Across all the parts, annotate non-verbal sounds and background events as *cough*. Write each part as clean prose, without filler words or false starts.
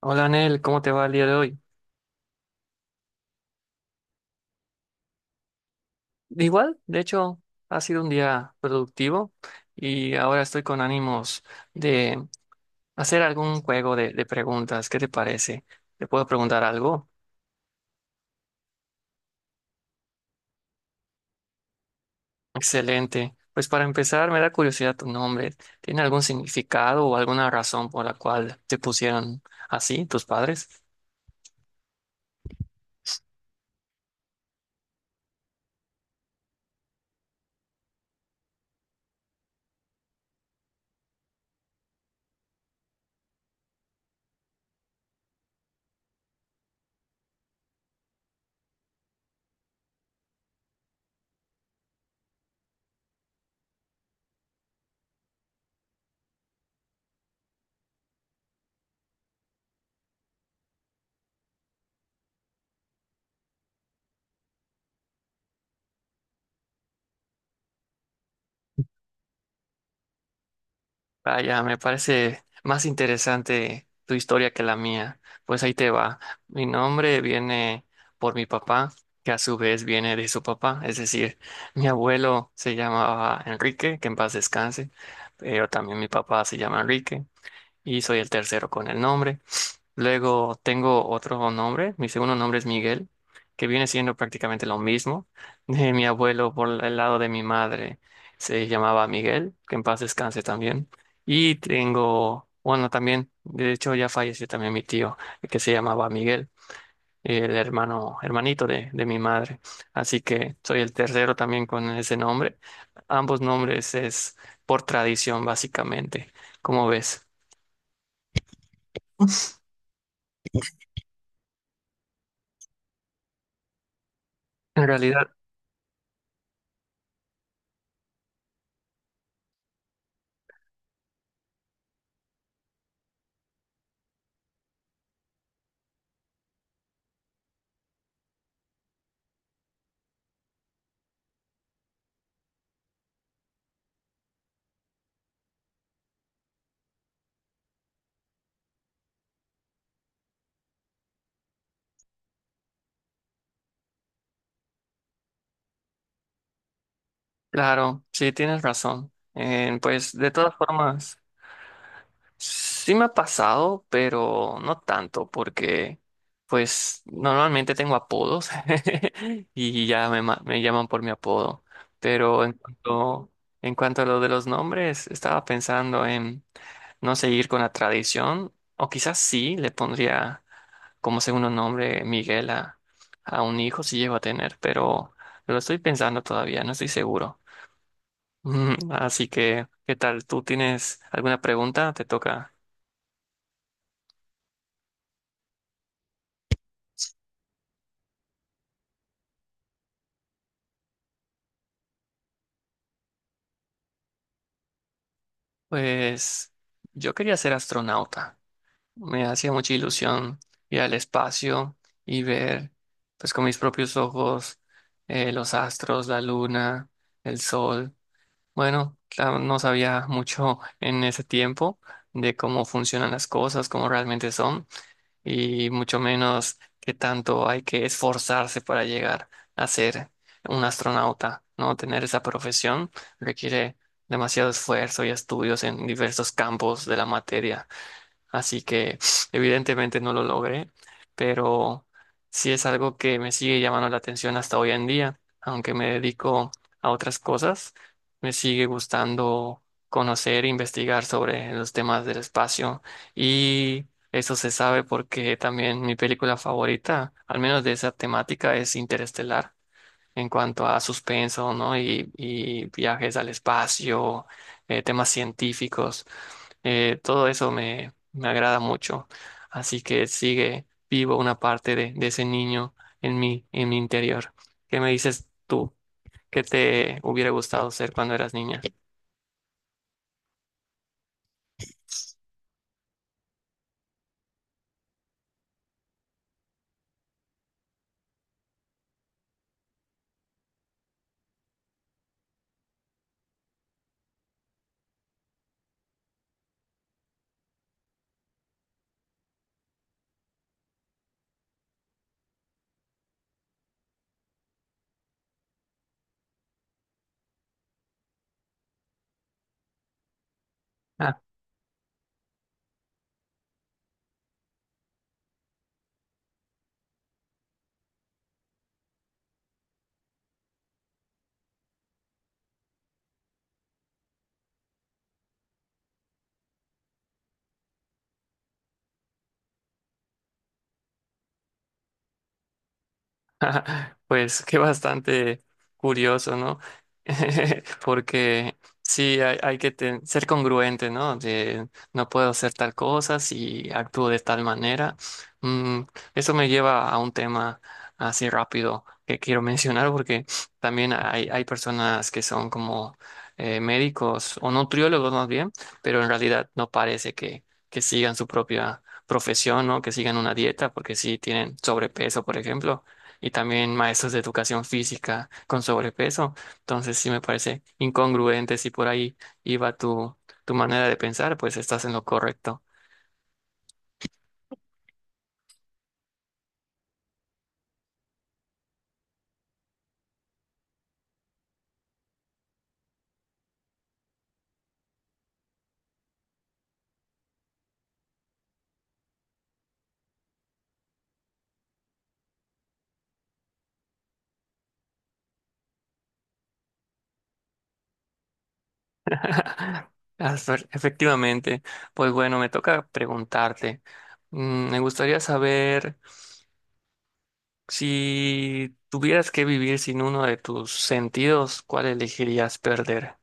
Hola, Anel, ¿cómo te va el día de hoy? Igual, de hecho, ha sido un día productivo y ahora estoy con ánimos de hacer algún juego de preguntas. ¿Qué te parece? ¿Te puedo preguntar algo? Excelente. Pues para empezar, me da curiosidad tu nombre. ¿Tiene algún significado o alguna razón por la cual te pusieron así tus padres? Vaya, me parece más interesante tu historia que la mía. Pues ahí te va. Mi nombre viene por mi papá, que a su vez viene de su papá. Es decir, mi abuelo se llamaba Enrique, que en paz descanse, pero también mi papá se llama Enrique y soy el tercero con el nombre. Luego tengo otro nombre, mi segundo nombre es Miguel, que viene siendo prácticamente lo mismo. *laughs* De mi abuelo por el lado de mi madre se llamaba Miguel, que en paz descanse también. Y tengo, bueno, también, de hecho ya falleció también mi tío, que se llamaba Miguel, el hermano, hermanito de mi madre. Así que soy el tercero también con ese nombre. Ambos nombres es por tradición, básicamente. ¿Cómo ves? En realidad. Claro, sí, tienes razón. Pues de todas formas, sí me ha pasado, pero no tanto, porque pues normalmente tengo apodos *laughs* y ya me llaman por mi apodo. Pero en cuanto, en cuanto a lo de los nombres, estaba pensando en no seguir con la tradición, o quizás sí le pondría como segundo nombre Miguel a un hijo si llego a tener, pero lo estoy pensando todavía, no estoy seguro. Así que, ¿qué tal? ¿Tú tienes alguna pregunta? Te toca. Pues yo quería ser astronauta. Me hacía mucha ilusión ir al espacio y ver, pues con mis propios ojos, los astros, la luna, el sol. Bueno, claro, no sabía mucho en ese tiempo de cómo funcionan las cosas, cómo realmente son. Y mucho menos que tanto hay que esforzarse para llegar a ser un astronauta, ¿no? Tener esa profesión requiere demasiado esfuerzo y estudios en diversos campos de la materia. Así que *sniffs* evidentemente no lo logré, pero sí es algo que me sigue llamando la atención hasta hoy en día, aunque me dedico a otras cosas, me sigue gustando conocer e investigar sobre los temas del espacio y eso se sabe porque también mi película favorita, al menos de esa temática, es Interestelar. En cuanto a suspenso, ¿no? Y viajes al espacio, temas científicos. Todo eso me agrada mucho. Así que sigue vivo una parte de ese niño en mí, en mi interior. ¿Qué me dices tú? ¿Qué te hubiera gustado ser cuando eras niña? *laughs* Pues que bastante curioso, ¿no? *laughs* Porque sí, hay que ser congruente, ¿no? De no puedo hacer tal cosa si actúo de tal manera. Mm, Eso me lleva a un tema así rápido que quiero mencionar porque también hay personas que son como médicos o nutriólogos más bien, pero en realidad no parece que sigan su propia profesión, ¿no? Que sigan una dieta porque sí tienen sobrepeso, por ejemplo, y también maestros de educación física con sobrepeso. Entonces sí me parece incongruente si por ahí iba tu manera de pensar, pues estás en lo correcto. *laughs* Efectivamente, pues bueno, me toca preguntarte. Me gustaría saber si tuvieras que vivir sin uno de tus sentidos, ¿cuál elegirías perder?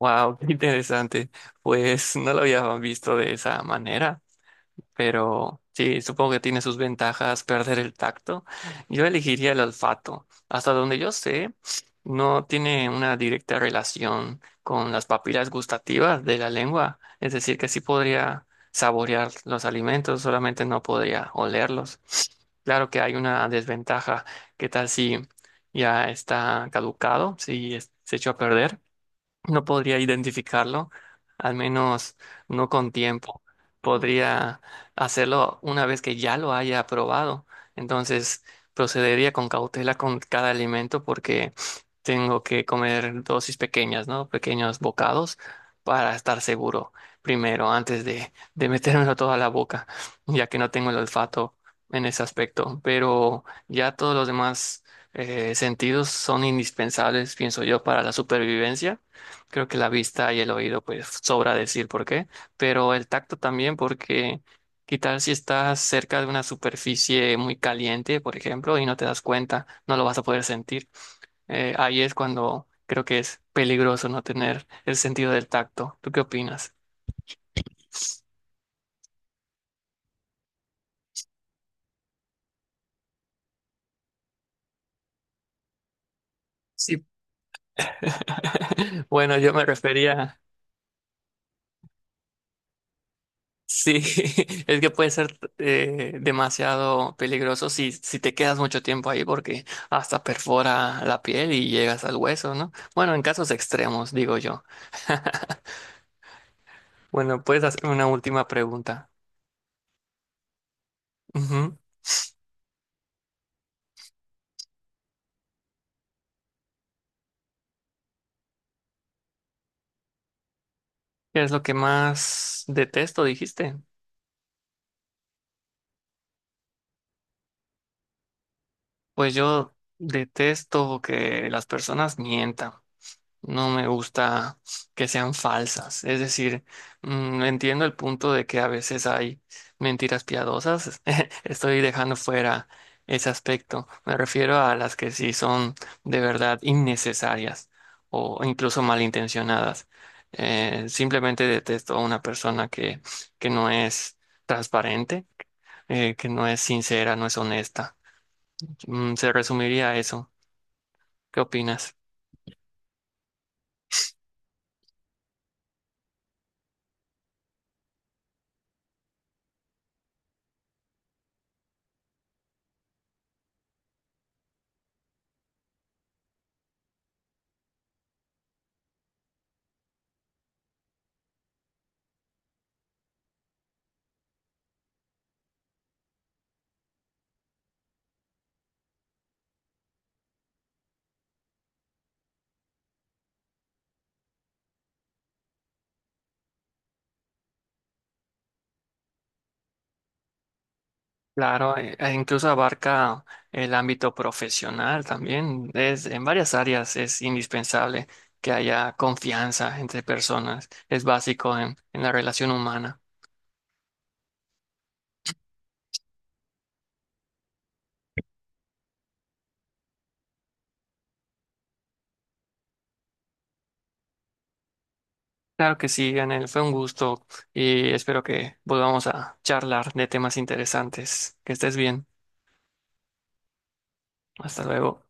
Wow, *laughs* qué interesante. Pues no lo había visto de esa manera. Pero sí, supongo que tiene sus ventajas perder el tacto. Yo elegiría el olfato. Hasta donde yo sé, no tiene una directa relación con las papilas gustativas de la lengua. Es decir, que sí podría saborear los alimentos, solamente no podría olerlos. Claro que hay una desventaja. ¿Qué tal si ya está caducado, si se echó a perder? No podría identificarlo, al menos no con tiempo. Podría hacerlo una vez que ya lo haya probado. Entonces procedería con cautela con cada alimento porque tengo que comer dosis pequeñas, ¿no? Pequeños bocados para estar seguro primero, antes de metérmelo todo a la boca, ya que no tengo el olfato en ese aspecto. Pero ya todos los demás sentidos son indispensables, pienso yo, para la supervivencia. Creo que la vista y el oído, pues sobra decir por qué, pero el tacto también, porque qué tal si estás cerca de una superficie muy caliente, por ejemplo, y no te das cuenta, no lo vas a poder sentir. Ahí es cuando creo que es peligroso no tener el sentido del tacto. ¿Tú qué opinas? Sí, *laughs* bueno, yo me refería. Sí, *laughs* es que puede ser demasiado peligroso si te quedas mucho tiempo ahí porque hasta perfora la piel y llegas al hueso, ¿no? Bueno, en casos extremos, digo yo. *laughs* Bueno, puedes hacer una última pregunta. Ujú. ¿Qué es lo que más detesto, dijiste? Pues yo detesto que las personas mientan. No me gusta que sean falsas. Es decir, entiendo el punto de que a veces hay mentiras piadosas. *laughs* Estoy dejando fuera ese aspecto. Me refiero a las que sí son de verdad innecesarias o incluso malintencionadas. Simplemente detesto a una persona que no es transparente, que no es sincera, no es honesta. Se resumiría a eso. ¿Qué opinas? Claro, e- e incluso abarca el ámbito profesional también. Es, en varias áreas es indispensable que haya confianza entre personas. Es básico en la relación humana. Claro que sí, Anel, fue un gusto y espero que volvamos a charlar de temas interesantes. Que estés bien. Hasta luego.